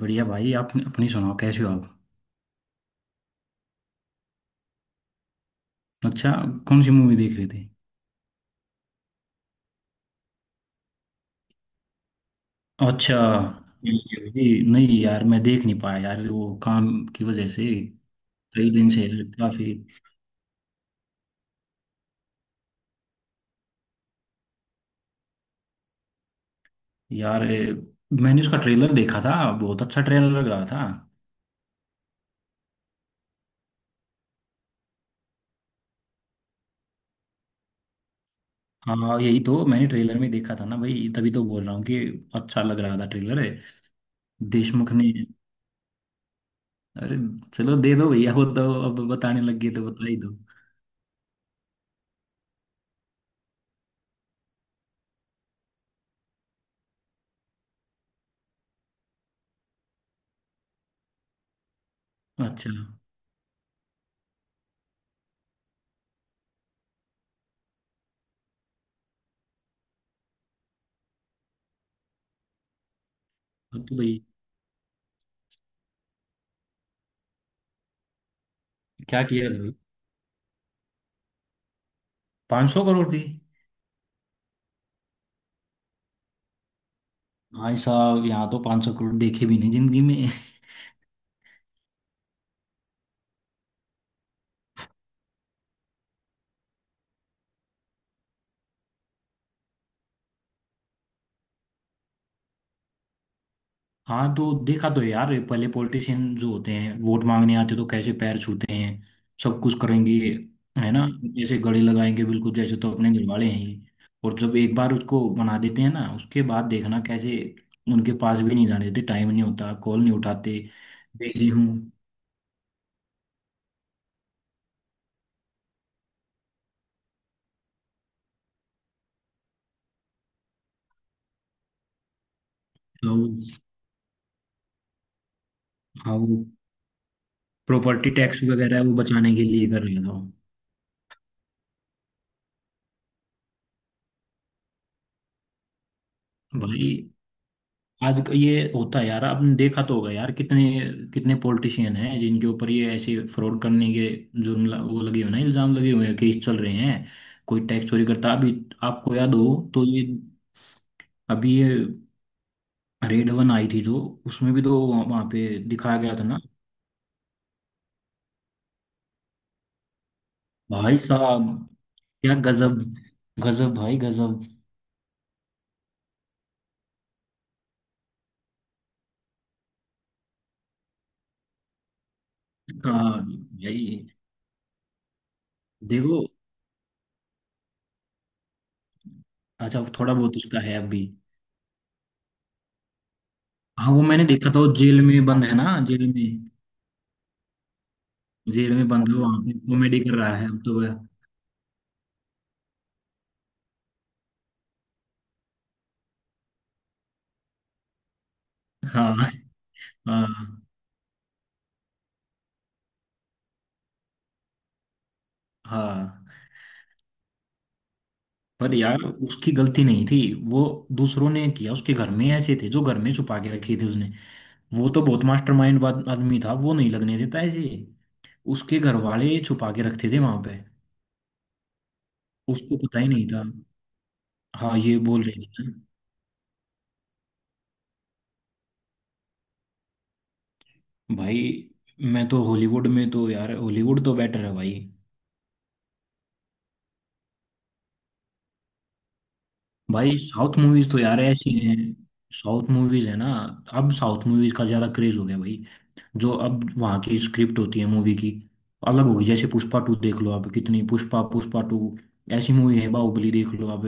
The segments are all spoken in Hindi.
बढ़िया भाई। आप अपनी सुनाओ, कैसे हो आप। अच्छा। कौन सी मूवी देख रहे थे। अच्छा, ये नहीं यार, मैं देख नहीं पाया यार, वो काम की वजह से। कई दिन से। काफी। यार, मैंने उसका ट्रेलर देखा था, बहुत अच्छा ट्रेलर लग रहा था। हाँ, यही तो मैंने ट्रेलर में देखा था ना भाई, तभी तो बोल रहा हूँ कि अच्छा लग रहा था ट्रेलर है। देशमुख ने। अरे, चलो दे दो भैया, वो तो अब बताने लग गए तो बता ही दो। अच्छा। अब तो भाई क्या किया था भाई। 500 करोड़ की। भाई साहब, यहाँ तो 500 करोड़ देखे भी नहीं जिंदगी में। हाँ, तो देखा तो है यार, पहले पॉलिटिशियन जो होते हैं वोट मांगने आते तो कैसे पैर छूते हैं, सब कुछ करेंगे, है ना। जैसे गले लगाएंगे बिल्कुल, जैसे तो अपने घर वाले हैं ही। और जब एक बार उसको बना देते हैं ना, उसके बाद देखना कैसे, उनके पास भी नहीं जाने देते, टाइम नहीं होता, कॉल नहीं उठाते, बिजी हूँ। तो हाँ, वो प्रॉपर्टी टैक्स वगैरह वो बचाने के लिए कर रहे था। भाई आज ये होता है यार, आपने देखा तो होगा यार, कितने कितने पॉलिटिशियन हैं जिनके ऊपर ये ऐसे फ्रॉड करने के वो लगे हुए ना, इल्जाम लगे हुए हैं, केस चल रहे हैं। कोई टैक्स चोरी करता अभी, आपको याद हो, तो ये, अभी ये रेड वन आई थी जो, उसमें भी तो वहां पे दिखाया गया था ना। भाई साहब क्या गजब, गजब भाई गजब। हाँ भाई। देखो, अच्छा थोड़ा बहुत उसका है अभी। हाँ वो मैंने देखा था, वो जेल में बंद है ना, जेल में। जेल में बंद हो, अब वहां पे कॉमेडी कर रहा है अब तो वह। हाँ हाँ हाँ। पर यार उसकी गलती नहीं थी, वो दूसरों ने किया, उसके घर में ऐसे थे जो घर में छुपा के रखे थे उसने। वो तो बहुत मास्टरमाइंड आदमी था, वो नहीं लगने देता ऐसे, उसके घर वाले छुपा के रखते थे वहां पे। उसको पता ही नहीं था। हाँ, ये बोल रहे थे। भाई मैं तो हॉलीवुड में तो, यार हॉलीवुड तो बेटर है भाई। भाई साउथ मूवीज तो यार ऐसी हैं, साउथ मूवीज है ना, अब साउथ मूवीज का ज्यादा क्रेज हो गया भाई। जो अब वहाँ की स्क्रिप्ट होती है मूवी की, अलग होगी। जैसे पुष्पा टू देख लो आप, कितनी, पुष्पा पुष्पा टू ऐसी मूवी है, बाहुबली देख लो आप।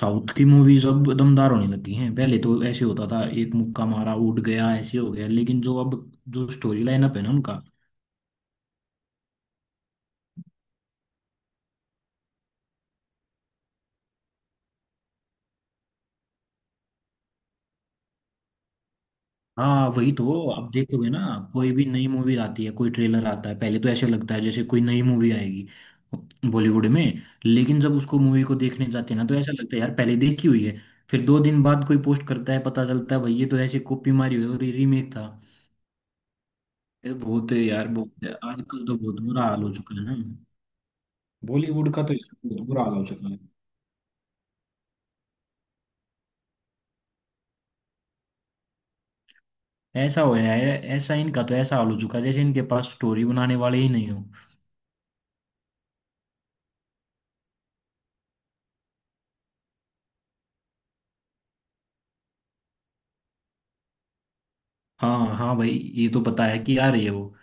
साउथ की मूवीज अब दमदार होने लगी हैं, पहले तो ऐसे होता था एक मुक्का मारा उठ गया, ऐसे हो गया, लेकिन जो अब, जो स्टोरी लाइनअप है ना उनका। हाँ, वही तो आप देखोगे ना, कोई भी नई मूवी आती है, कोई ट्रेलर आता है, पहले तो ऐसे लगता है जैसे कोई नई मूवी आएगी बॉलीवुड में, लेकिन जब उसको मूवी को देखने जाते हैं ना, तो ऐसा लगता है यार पहले देखी हुई है। फिर दो दिन बाद कोई पोस्ट करता है, पता चलता है भाई ये तो ऐसे कॉपी मारी हुई है और ये रीमेक था। ये बहुत है यार, बहुत है। आजकल तो बहुत बुरा हाल हो चुका है ना, बॉलीवुड का तो यार बहुत बुरा हाल हो चुका है। ऐसा हो रहा है, ऐसा इनका तो ऐसा हाल हो चुका है जैसे इनके पास स्टोरी बनाने वाले ही नहीं हो। हाँ हाँ भाई, ये तो पता है कि आ रही है वो।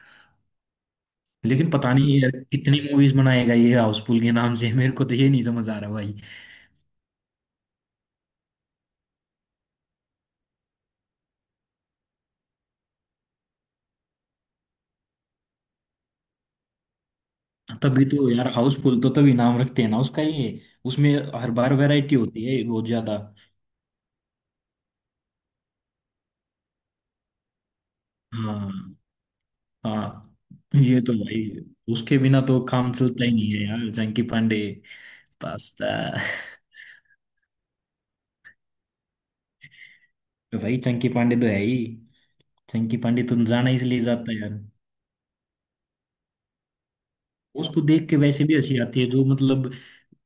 लेकिन पता नहीं यार कितनी मूवीज बनाएगा ये हाउसफुल के नाम से। मेरे को तो ये नहीं समझ आ रहा भाई। तभी तो यार, हाउसफुल तो तभी नाम रखते हैं ना उसका, ये उसमें हर बार वैरायटी होती है बहुत ज्यादा। हाँ हाँ। ये तो भाई उसके बिना तो काम चलता ही नहीं है यार, चंकी पांडे। पास्ता। भाई चंकी पांडे तो है ही। चंकी पांडे तो जाना इसलिए जाता है यार, उसको देख के वैसे भी हंसी आती है, जो मतलब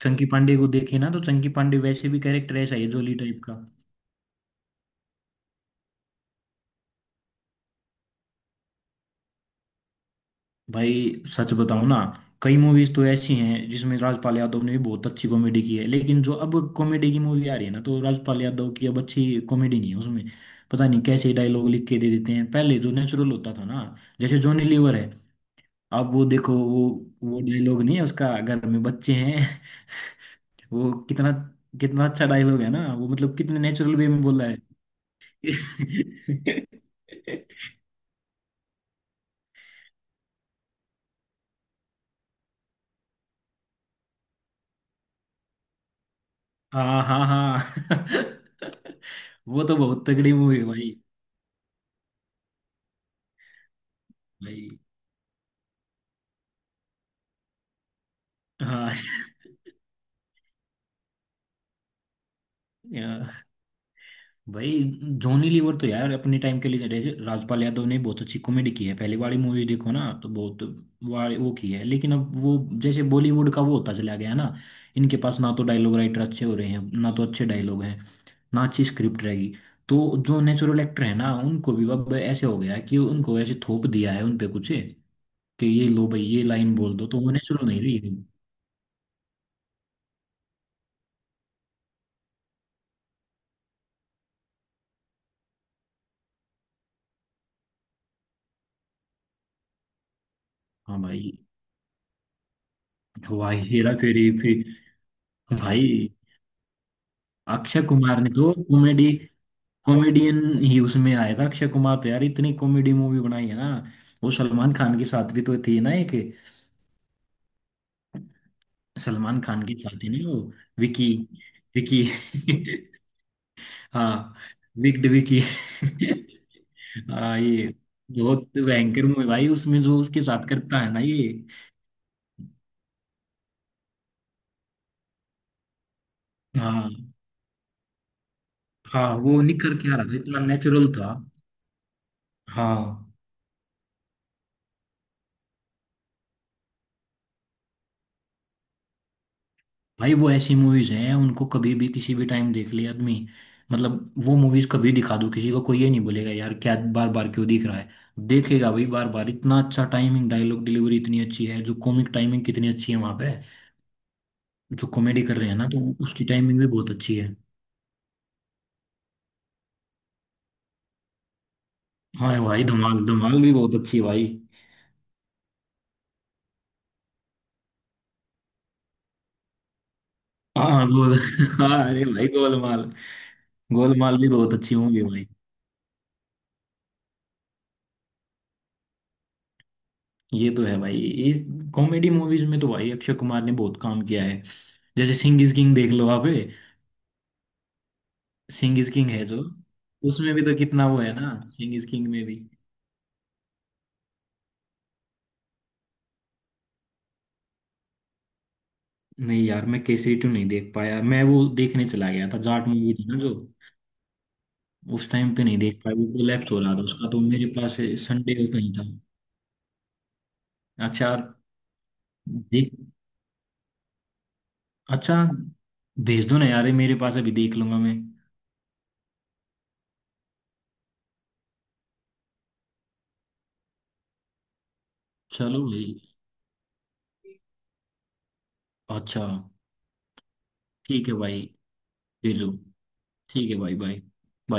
चंकी पांडे को देखे ना, तो चंकी पांडे वैसे भी कैरेक्टर ऐसा है जोली टाइप का। भाई सच बताऊं ना, कई मूवीज तो ऐसी हैं जिसमें राजपाल यादव ने भी बहुत अच्छी कॉमेडी की है, लेकिन जो अब कॉमेडी की मूवी आ रही है ना, तो राजपाल यादव की अब अच्छी कॉमेडी नहीं है उसमें। पता नहीं कैसे डायलॉग लिख के दे देते हैं, पहले जो नेचुरल होता था ना, जैसे जॉनी लीवर है, अब वो देखो, वो डायलॉग नहीं है उसका, घर में बच्चे हैं। वो कितना, कितना अच्छा डायलॉग है ना वो, मतलब कितने नेचुरल वे में बोला है। हाँ हाँ हाँ। वो तो बहुत तगड़ी मूवी है भाई। भाई। हाँ। या- भाई जॉनी लीवर तो यार अपने टाइम के लिए, राजपाल यादव ने बहुत अच्छी कॉमेडी की है, पहले वाली मूवी देखो ना तो बहुत वाली वो की है, लेकिन अब वो, जैसे बॉलीवुड का वो होता चला गया ना, इनके पास ना तो डायलॉग राइटर अच्छे हो रहे हैं, ना तो अच्छे डायलॉग हैं, ना अच्छी स्क्रिप्ट रहेगी। तो जो नेचुरल एक्टर है ना, उनको भी अब ऐसे हो गया है कि उनको ऐसे थोप दिया है उनपे कुछ, कि ये लो भाई ये लाइन बोल दो, तो वो नेचुरल नहीं रही है। हाँ भाई। वाह, हेरा फेरी फिर। भाई अक्षय कुमार ने तो कॉमेडी, कॉमेडियन ही उसमें आया था। अक्षय कुमार तो यार इतनी कॉमेडी मूवी बनाई है ना, वो सलमान खान के साथ भी तो थी ना एक, सलमान खान के साथ ही नहीं वो, विकी, विकी। हाँ, विक्ड विकी। हाँ ये बहुत भयंकर मूवी भाई, उसमें जो उसके साथ करता है ना ये। हाँ। हाँ वो निखर के आ रहा था, इतना नेचुरल था। हाँ भाई वो ऐसी मूवीज हैं उनको कभी भी किसी भी टाइम देख ले आदमी, मतलब वो मूवीज कभी दिखा दो किसी को, कोई ये नहीं बोलेगा यार क्या बार बार क्यों दिख रहा है। देखेगा भाई बार बार, इतना अच्छा टाइमिंग, डायलॉग डिलीवरी इतनी अच्छी है, जो कॉमिक टाइमिंग कितनी अच्छी है वहां पे, जो कॉमेडी कर रहे हैं ना, तो उसकी टाइमिंग भी बहुत अच्छी है। हाँ भाई धमाल, धमाल भी बहुत अच्छी है भाई। हाँ गोल, हाँ अरे भाई गोलमाल, गोलमाल भी बहुत अच्छी मूवी है भाई। ये तो है भाई, ये कॉमेडी मूवीज में तो भाई अक्षय कुमार ने बहुत काम किया है, जैसे सिंह इज किंग देख लो आप। सिंह इज किंग है जो, उसमें भी तो कितना वो है ना, सिंह इज किंग में भी। नहीं यार, मैं केसरी टू नहीं देख पाया, मैं वो देखने चला गया था, जाट मूवी थी ना जो। उस टाइम पे नहीं देख पाया, वो लैप्स हो रहा था उसका तो मेरे पास, संडे को नहीं था। अच्छा यार। देख। अच्छा भेज दो ना यार, ये मेरे पास अभी देख लूंगा मैं। चलो भाई। अच्छा ठीक है भाई, भेजो। ठीक है भाई, बाय।